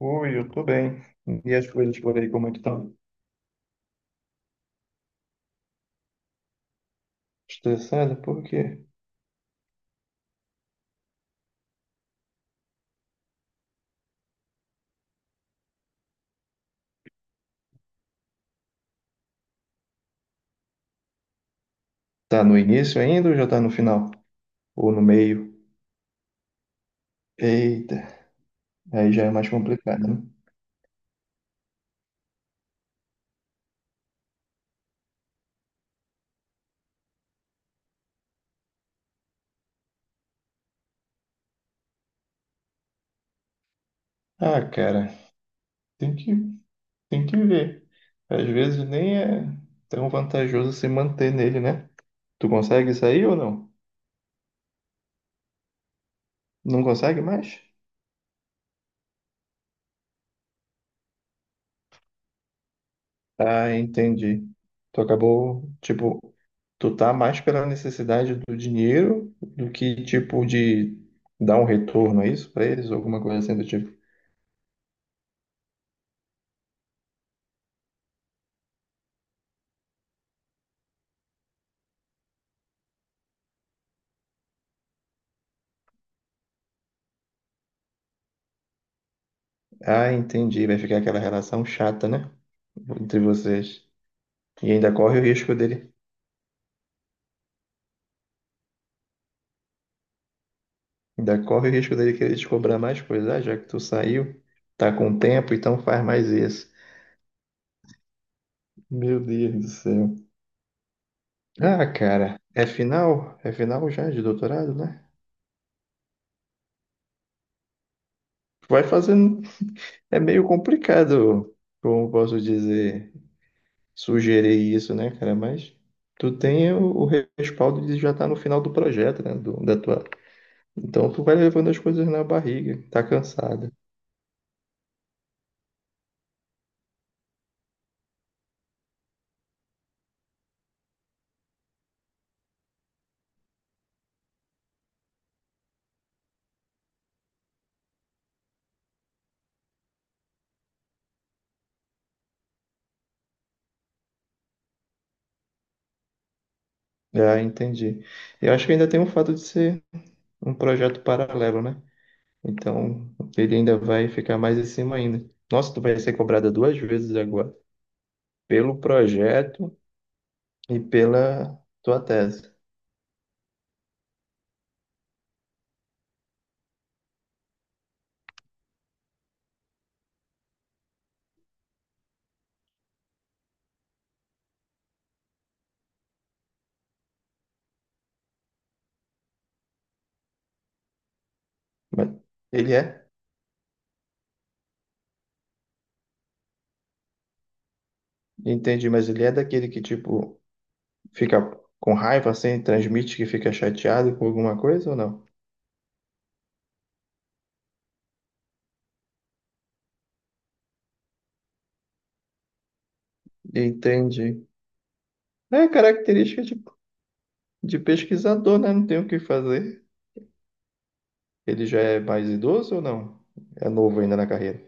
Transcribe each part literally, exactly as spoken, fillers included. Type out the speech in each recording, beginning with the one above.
Oi, eu tô bem. E as coisas por aí, como é que estão? Estressada? Por quê? Tá no início ainda ou já tá no final? Ou no meio? Eita, aí já é mais complicado, né? Ah, cara, tem que, tem que ver. Às vezes nem é tão vantajoso se manter nele, né? Tu consegue sair ou não? Não consegue mais? Ah, entendi. Tu acabou, tipo, tu tá mais pela necessidade do dinheiro do que, tipo, de dar um retorno, é isso, pra eles? Ou alguma coisa assim do tipo. Ah, entendi. Vai ficar aquela relação chata, né? Entre vocês. E ainda corre o risco dele. Ainda corre o risco dele querer te cobrar mais coisa, ah, já que tu saiu, tá com tempo, então faz mais isso. Meu Deus do céu. Ah, cara, é final? É final já de doutorado, né? Vai fazer É meio complicado, como posso dizer, sugerir isso, né, cara? Mas tu tem o, o respaldo de já estar no final do projeto, né? do- da tua... Então tu vai levando as coisas na barriga, tá cansada. Ah, entendi. Eu acho que ainda tem o fato de ser um projeto paralelo, né? Então ele ainda vai ficar mais em cima ainda. Nossa, tu vai ser cobrada duas vezes agora, pelo projeto e pela tua tese. Mas ele é, entendi, mas ele é daquele que, tipo. Fica com raiva assim, transmite que fica chateado com alguma coisa ou não? Entendi. É característica de, de pesquisador, né? Não tem o que fazer. Ele já é mais idoso ou não? É novo ainda na carreira.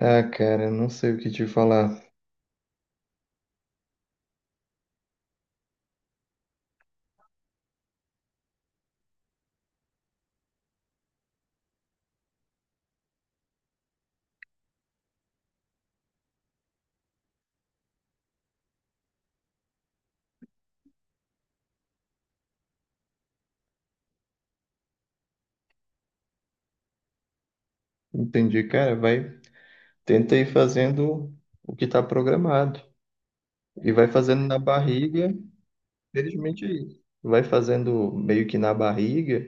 Ah, cara, não sei o que te falar. Entendi, cara. Vai, tenta ir fazendo o que está programado. E vai fazendo na barriga, felizmente é isso. Vai fazendo meio que na barriga,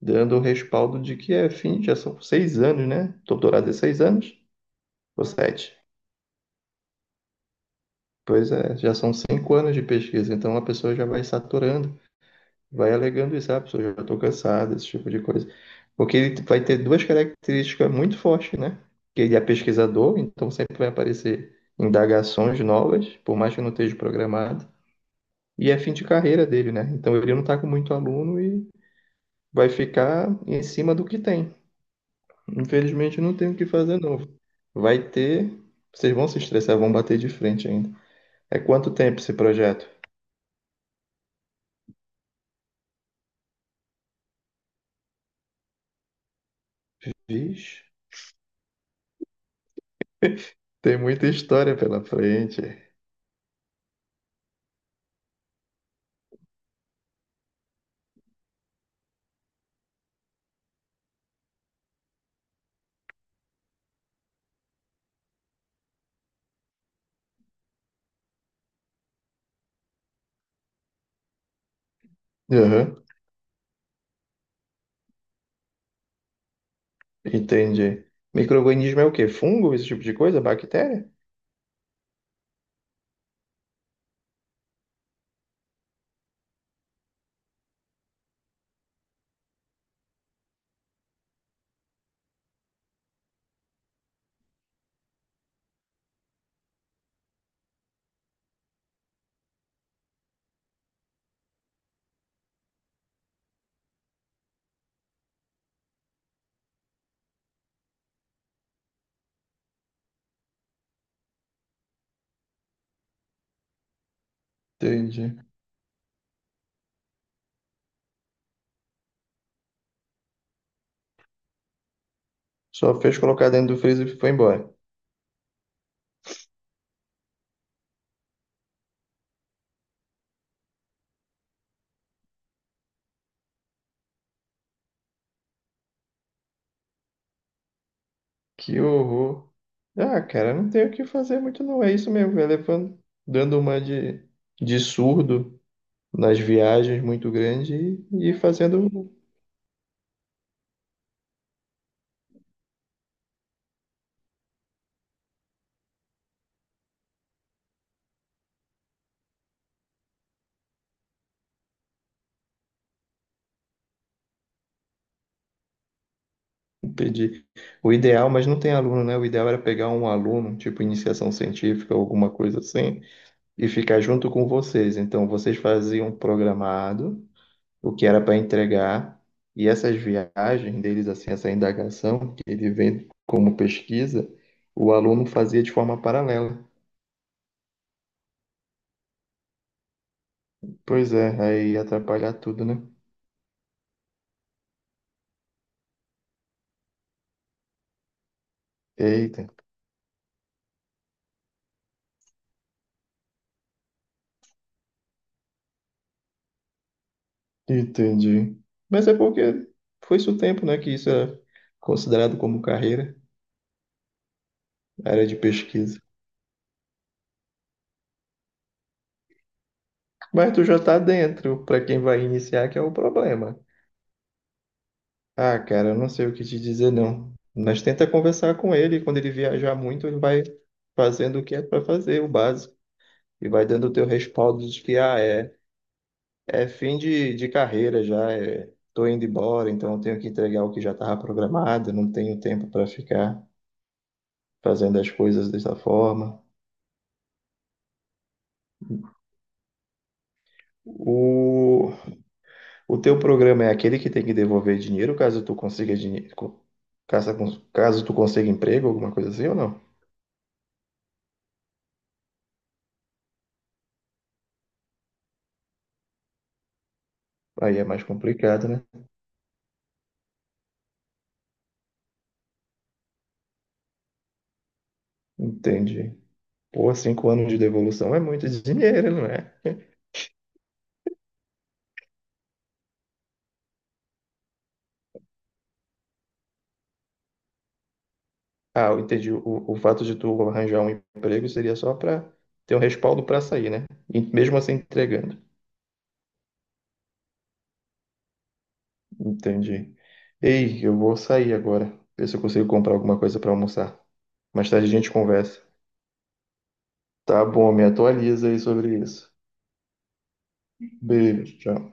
dando o respaldo de que é fim, já são seis anos, né? Doutorado é seis anos. Ou sete. Pois é, já são cinco anos de pesquisa, então a pessoa já vai saturando, vai alegando isso, ah, a pessoa já estou cansada, esse tipo de coisa. Porque ele vai ter duas características muito fortes, né? Que ele é pesquisador, então sempre vai aparecer indagações novas, por mais que não esteja programado, e é fim de carreira dele, né? Então ele não está com muito aluno e vai ficar em cima do que tem. Infelizmente não tem o que fazer novo. Vai ter, vocês vão se estressar, vão bater de frente ainda. É quanto tempo esse projeto? Vixe, tem muita história pela frente. Aham, entendi. Micro-organismo é o quê? Fungo, esse tipo de coisa? Bactéria? Entendi. Só fez colocar dentro do freezer e foi embora. Que horror. Ah, cara, não tem o que fazer muito não. É isso mesmo, vai levando, dando uma de, de surdo nas viagens muito grande e, e fazendo pedir. O ideal, mas não tem aluno, né? O ideal era pegar um aluno, tipo iniciação científica, alguma coisa assim. E ficar junto com vocês. Então, vocês faziam programado o que era para entregar, e essas viagens deles, assim, essa indagação que ele vem como pesquisa, o aluno fazia de forma paralela. Pois é, aí ia atrapalhar tudo, né? Eita, entendi. Mas é porque foi isso o tempo, né, que isso era considerado como carreira, área de pesquisa. Mas tu já tá dentro, para quem vai iniciar, que é o problema. Ah, cara, eu não sei o que te dizer, não. Mas tenta conversar com ele. Quando ele viajar muito, ele vai fazendo o que é para fazer, o básico. E vai dando o teu respaldo de que, ah, é, é fim de, de carreira já, é, tô indo embora, então eu tenho que entregar o que já estava programado, não tenho tempo para ficar fazendo as coisas dessa forma. O, o teu programa é aquele que tem que devolver dinheiro caso tu consiga dinheiro, caso, caso tu consiga emprego, alguma coisa assim ou não? Aí é mais complicado, né? Entendi. Pô, cinco anos de devolução é muito dinheiro, não é Ah, eu entendi. O, o fato de tu arranjar um emprego seria só para ter um respaldo para sair, né? E mesmo assim entregando. Entendi. Ei, eu vou sair agora. Ver se eu consigo comprar alguma coisa para almoçar. Mais tarde a gente conversa. Tá bom, me atualiza aí sobre isso. Beijo, tchau.